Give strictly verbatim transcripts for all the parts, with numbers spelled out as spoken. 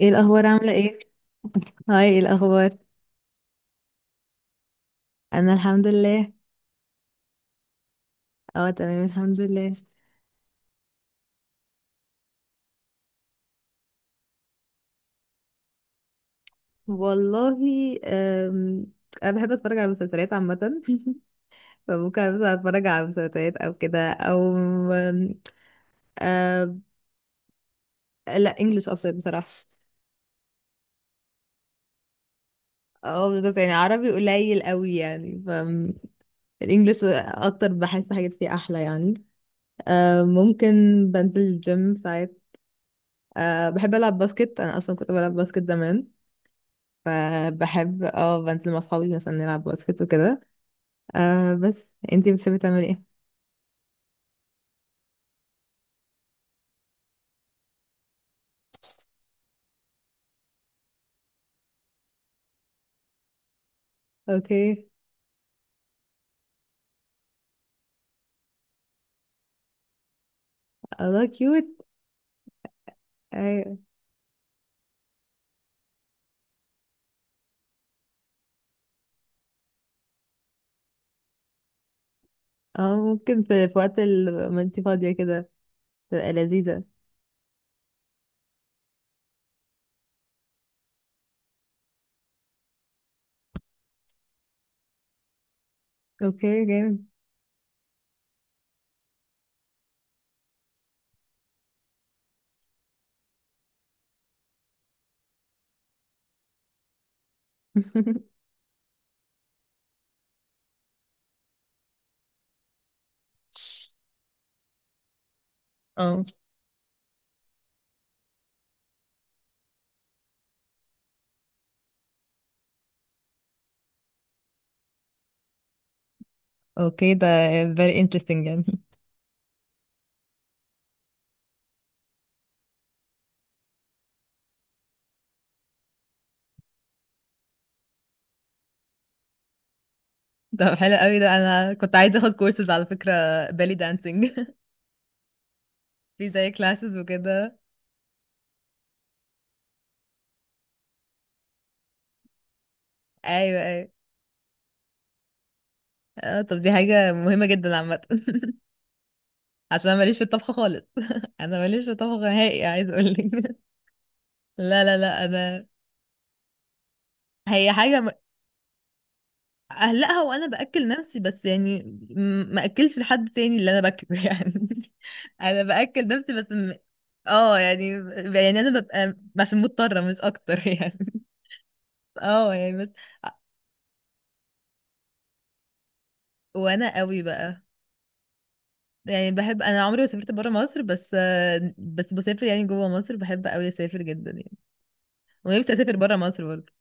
ايه الاخبار، عامله ايه؟ هاي، ايه الاخبار؟ انا الحمد لله. اه، تمام الحمد لله. والله. أم... انا بحب اتفرج على المسلسلات عامه. فممكن مثلا اتفرج على مسلسلات او كده او... أم... أم... لا، انجلش اكتر بصراحه. اه بالظبط، يعني عربي قليل قوي يعني، فالانجليش اكتر، بحس حاجات فيه احلى يعني. أم... ممكن. بنزل الجيم ساعات. أه بحب ألعب باسكت، أنا أصلا كنت بلعب باسكت زمان. فبحب اه بنزل مع اصحابي مثلا نلعب باسكت وكده. آه بس انتي بتحبي تعملي ايه؟ اوكي. الله، كيوت! ايوه. اه، ممكن في, في وقت ال- ما انتي فاضية كده تبقى لذيذة. اوكي جامد. اه، اوكي، ده very interesting يعني. ده حلو قوي، ده انا كنت عايزة اخد كورسز على فكرة belly dancing. في زي classes وكده. ايوه، ايوه. اه، طب دي حاجة مهمة جدا عامة. عشان انا ماليش في الطبخ خالص. انا ماليش في الطبخ نهائي، عايز اقولك. لا، لا، لا، انا... هي حاجه م- اهلقها وانا باكل نفسي بس يعني. م- ما اكلش لحد تاني اللي انا باكله. يعني انا باكل نفسي بس م... اه، يعني. يعني انا ببقى عشان مضطره مش اكتر. يعني، اه، يعني، بس. وانا قوي بقى. يعني بحب، انا عمري ما سافرت بره مصر. بس، بس بسافر يعني جوه مصر، بحب قوي اسافر جدا يعني. ونفسي اسافر بره مصر برضه.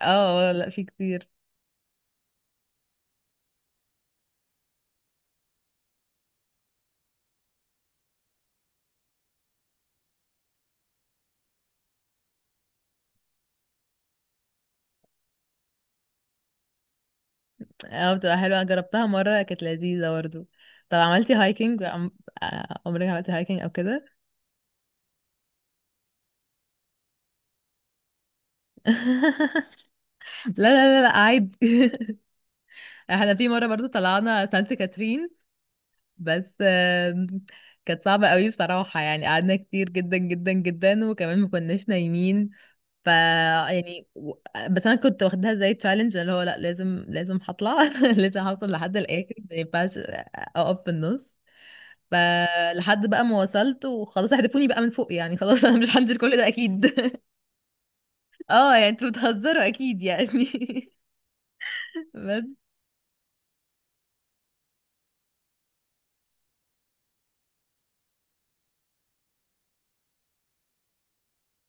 اه، آه، لا، في كتير. اه، بتبقى حلوة، جربتها مرة، كانت لذيذة برضه. طب عملتي هايكنج عم... آه، عمرك عملتي هايكنج او كده؟ لا، لا، لا، لا، عادي. احنا في مرة برضه طلعنا سانت كاترين. بس آم، كانت صعبة قوي بصراحة، يعني قعدنا كتير جدا جدا جدا، وكمان ما كناش نايمين. ف يعني و- بس انا كنت واخدها زي تشالنج، اللي هو لا، لازم لازم هطلع. لازم هوصل لحد الاخر، ما ينفعش اقف في النص. فلحد بقى ما وصلت وخلاص، هدفوني بقى من فوق يعني، خلاص. انا مش هنزل كل ده اكيد. اه، يعني انتوا بتهزروا اكيد يعني. بس،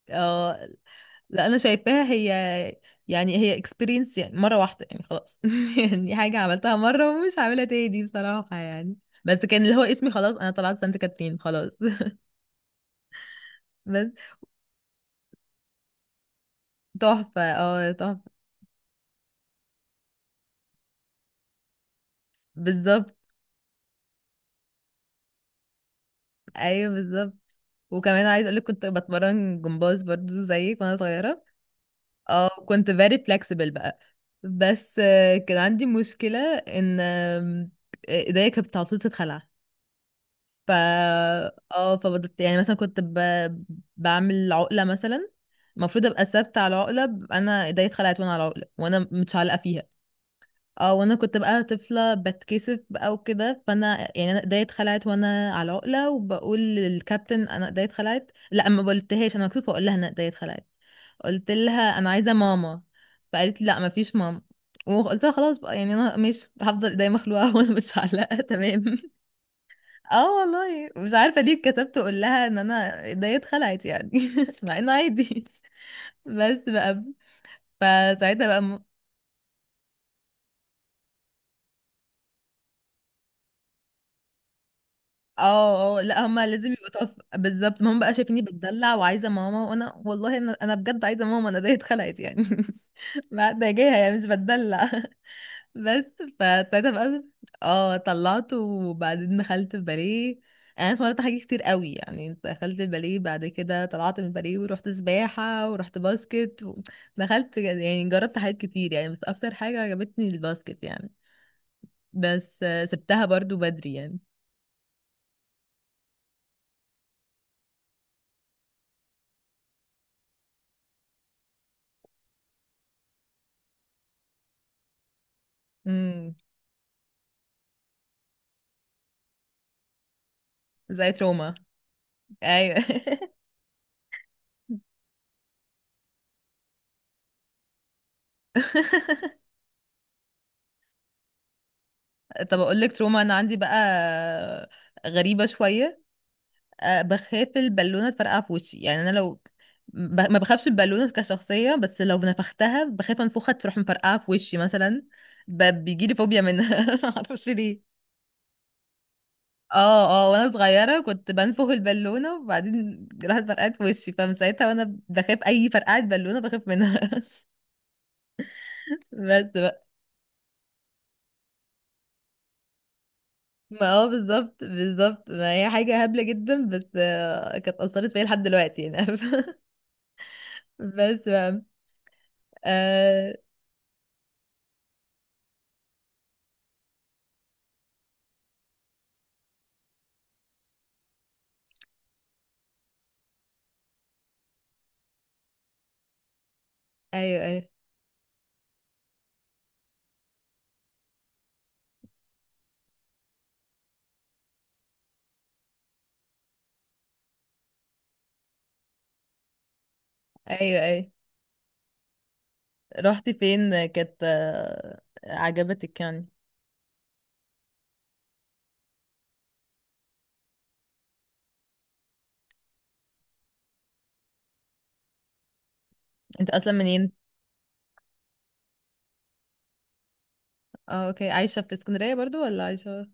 اه، لا انا شايفاها، هي يعني هي اكسبيرينس، يعني مره واحده يعني خلاص. يعني حاجه عملتها مره ومش هعملها تاني بصراحه يعني. بس كان اللي هو اسمي، خلاص انا طلعت سانت كاترين، خلاص. بس تحفه، اه تحفه. بالظبط. ايوه بالظبط. وكمان عايز اقولك كنت بتمرن جمباز برضو زيك وانا صغيره. اه، كنت very flexible بقى. بس آه، كان عندي مشكلة ان آم، ايديا كانت على طول تتخلع. ف اه، فبدت يعني مثلا كنت ب... بعمل عقلة مثلا. المفروض ابقى ثابتة على العقلة، ب- انا ايديا اتخلعت وانا على العقلة وانا متشعلقة فيها. اه، وانا كنت بقى طفله بتكسف بقى وكده، فانا يعني انا ايديا اتخلعت وانا على عقله، وبقول للكابتن انا ايديا اتخلعت. لا، ما قلتهاش، انا مكسوفه اقول لها انا ايديا اتخلعت. قلت لها انا عايزه ماما. فقالت لي لا، ما فيش ماما. وقلت لها خلاص بقى، يعني انا مش هفضل ايديا مخلوعه وانا مش علقه. تمام. اه والله مش عارفه ليه اتكسفت اقول لها ان انا ايديا اتخلعت يعني. مع انه عادي. بس بقى. فساعتها بقى. اه، اه، لا هما لازم يبقوا طف، بالظبط، ما هم بقى شايفيني بتدلع وعايزه ماما، وانا والله انا، انا بجد عايزه ماما، انا زي اتخلقت يعني. ما ده جاية يعني مش بتدلع. بس فابتديت بقى. اه، طلعت وبعدين دخلت الباليه. يعني انا اتمرنت حاجات كتير قوي، يعني دخلت الباليه، بعد كده طلعت من الباليه ورحت سباحه ورحت باسكت و... دخلت، يعني جربت حاجات كتير يعني، بس اكتر حاجه عجبتني الباسكت يعني. بس آه، سبتها برضو بدري يعني. امم زي روما. ايوه. طب اقول لك، تروما انا عندي بقى، غريبه شويه. أه، بخاف البالونه تفرقع في وشي، يعني انا لو ب- ما بخافش البالونه كشخصيه، بس لو نفختها بخاف انفخها تروح مفرقعه في وشي مثلا. ب... بيجي لي فوبيا منها، ما اعرفش ليه. اه، اه، وانا صغيره كنت بنفخ البالونه وبعدين راحت فرقعت في وشي، فمن ساعتها وانا بخاف اي فرقعه بالونه بخاف منها. بس، ما، اه، بالظبط بالظبط، ما هي حاجة هبلة جدا، بس آه، كانت أثرت فيا لحد دلوقتي يعني. بس بقى. آه أيوه، أيوه، أيوه، أيوه. رحتي فين كانت آه، عجبتك يعني؟ انت أصلا منين؟ اه، اوكي، عايشة في اسكندرية برضو ولا عايشة؟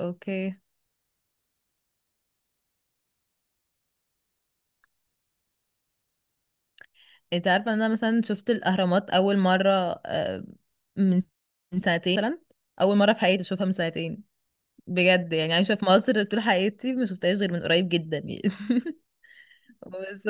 اوكي. انت عارفة ان انا مثلا شفت الأهرامات أول مرة، آه، من من سنتين مثلا. أول مرة في حياتي أشوفها من سنتين. بجد يعني عايشة في مصر طول حياتي ما شفتهاش غير من قريب جدا يعني. بس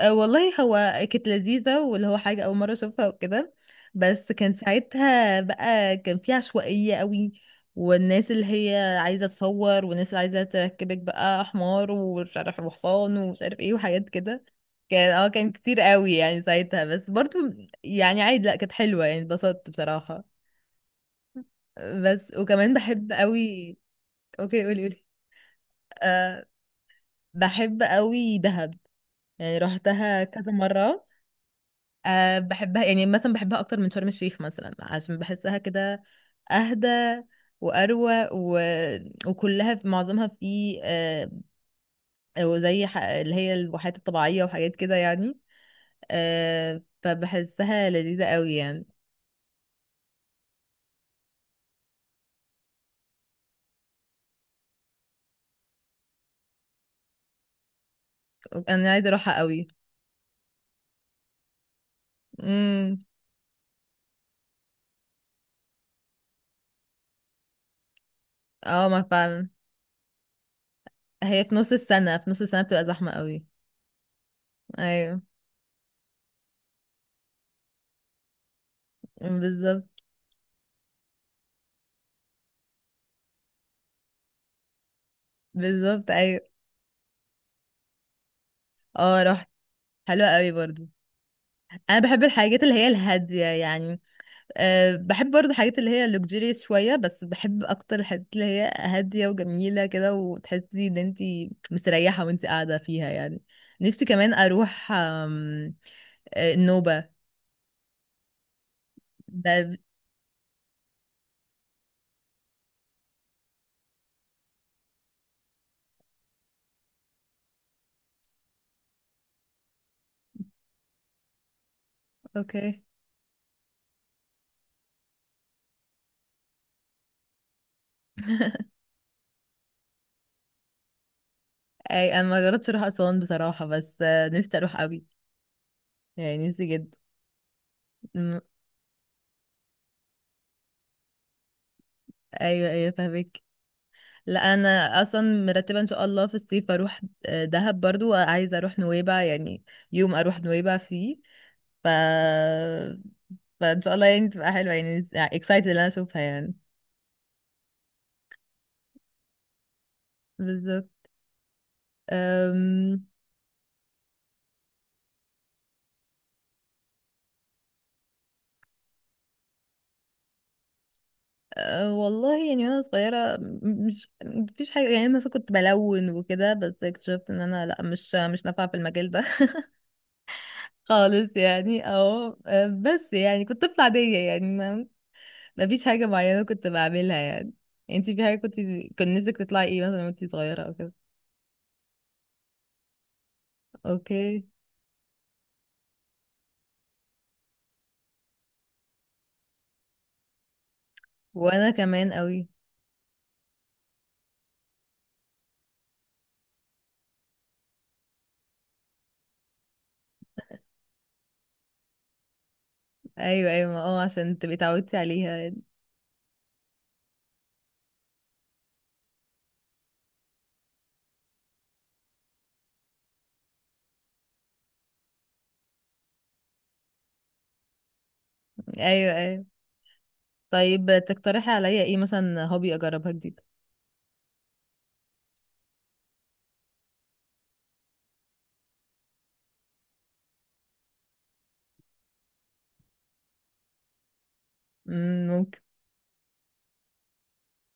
آه، والله هو كانت لذيذة واللي هو حاجة أول مرة أشوفها وكده. بس كان ساعتها بقى كان في عشوائية قوي، والناس اللي هي عايزة تصور، والناس اللي عايزة تركبك بقى حمار ومش عارف وحصان ومش عارف ايه وحاجات كده. كان اه كان كتير قوي يعني ساعتها، بس برضو يعني عادي. لأ، كانت حلوة، يعني اتبسطت بصراحة. بس وكمان بحب قوي. اوكي، قولي قولي. أه، بحب قوي دهب، يعني روحتها كذا مرة. أه بحبها، يعني مثلا بحبها اكتر من شرم الشيخ مثلا، عشان بحسها كده اهدى واروق و... وكلها في معظمها في أه أو زي ح... اللي هي الواحات الطبيعيه وحاجات كده يعني. أه، فبحسها لذيذه قوي يعني. انا عايزه اروحها قوي. امم. اه، ما فعلا هي في نص السنه في نص السنه بتبقى زحمه قوي. ايوه بالظبط. بالظبط، ايوه، اه، رحت. حلوه قوي برضو. انا بحب الحاجات اللي هي الهاديه يعني. أه بحب برضه حاجات اللي هي luxurious شوية، بس بحب أكتر الحاجات اللي هي هادية وجميلة كده وتحسي إن انتي مستريحة وانتي قاعدة فيها يعني. نفسي كمان أروح أم، أه، النوبة. ده، اوكي. أي، أنا ما جربتش أروح أسوان بصراحة، بس أه، نفسي أروح أوي، يعني نفسي جدا. أم، أيوه، أيوه، فاهمك. لا، أنا أصلا مرتبة إن شاء الله في الصيف أروح أه، دهب، برضو عايزة أروح نويبع، يعني يوم أروح نويبع فيه. ف فان شاء الله يعني تبقى حلوه، يعني اكسايتد ان انا اشوفها يعني. بالظبط. أم... أه والله يعني وانا صغيره م- مش مفيش حاجه، يعني مثلا كنت بلون وكده، بس اكتشفت ان انا لا، مش مش نافعه في المجال ده. خالص يعني، او أه، بس يعني كنت طفله عاديه يعني، ما مفيش حاجه معينه كنت بعملها يعني. يعني انتي في حاجه كنت كان نفسك تطلعي ايه مثلا وانتي صغيره او كده؟ اوكي. وانا كمان قوي. ايوه، ايوه، ما- اه عشان تبقي اتعودتي عليها. ايوه، ايوه. طيب، تقترحي عليا ايه مثلا، هوبي اجربها جديد؟ مم، ممكن.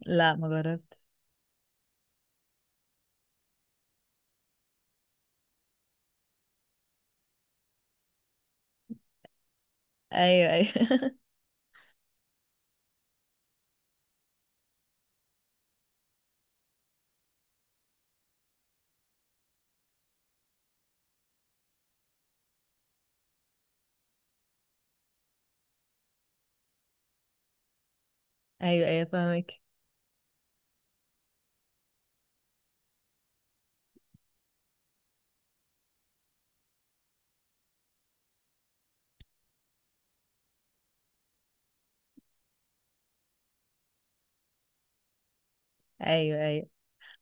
لا، ما جربت. ايوه، ايوه. ايوه، ايوه، فاهمك. ايوه، ايوه،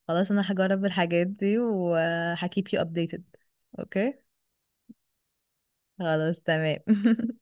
خلاص انا هجرب الحاجات دي وهكيب يو ابديتد. اوكي. خلاص، تمام.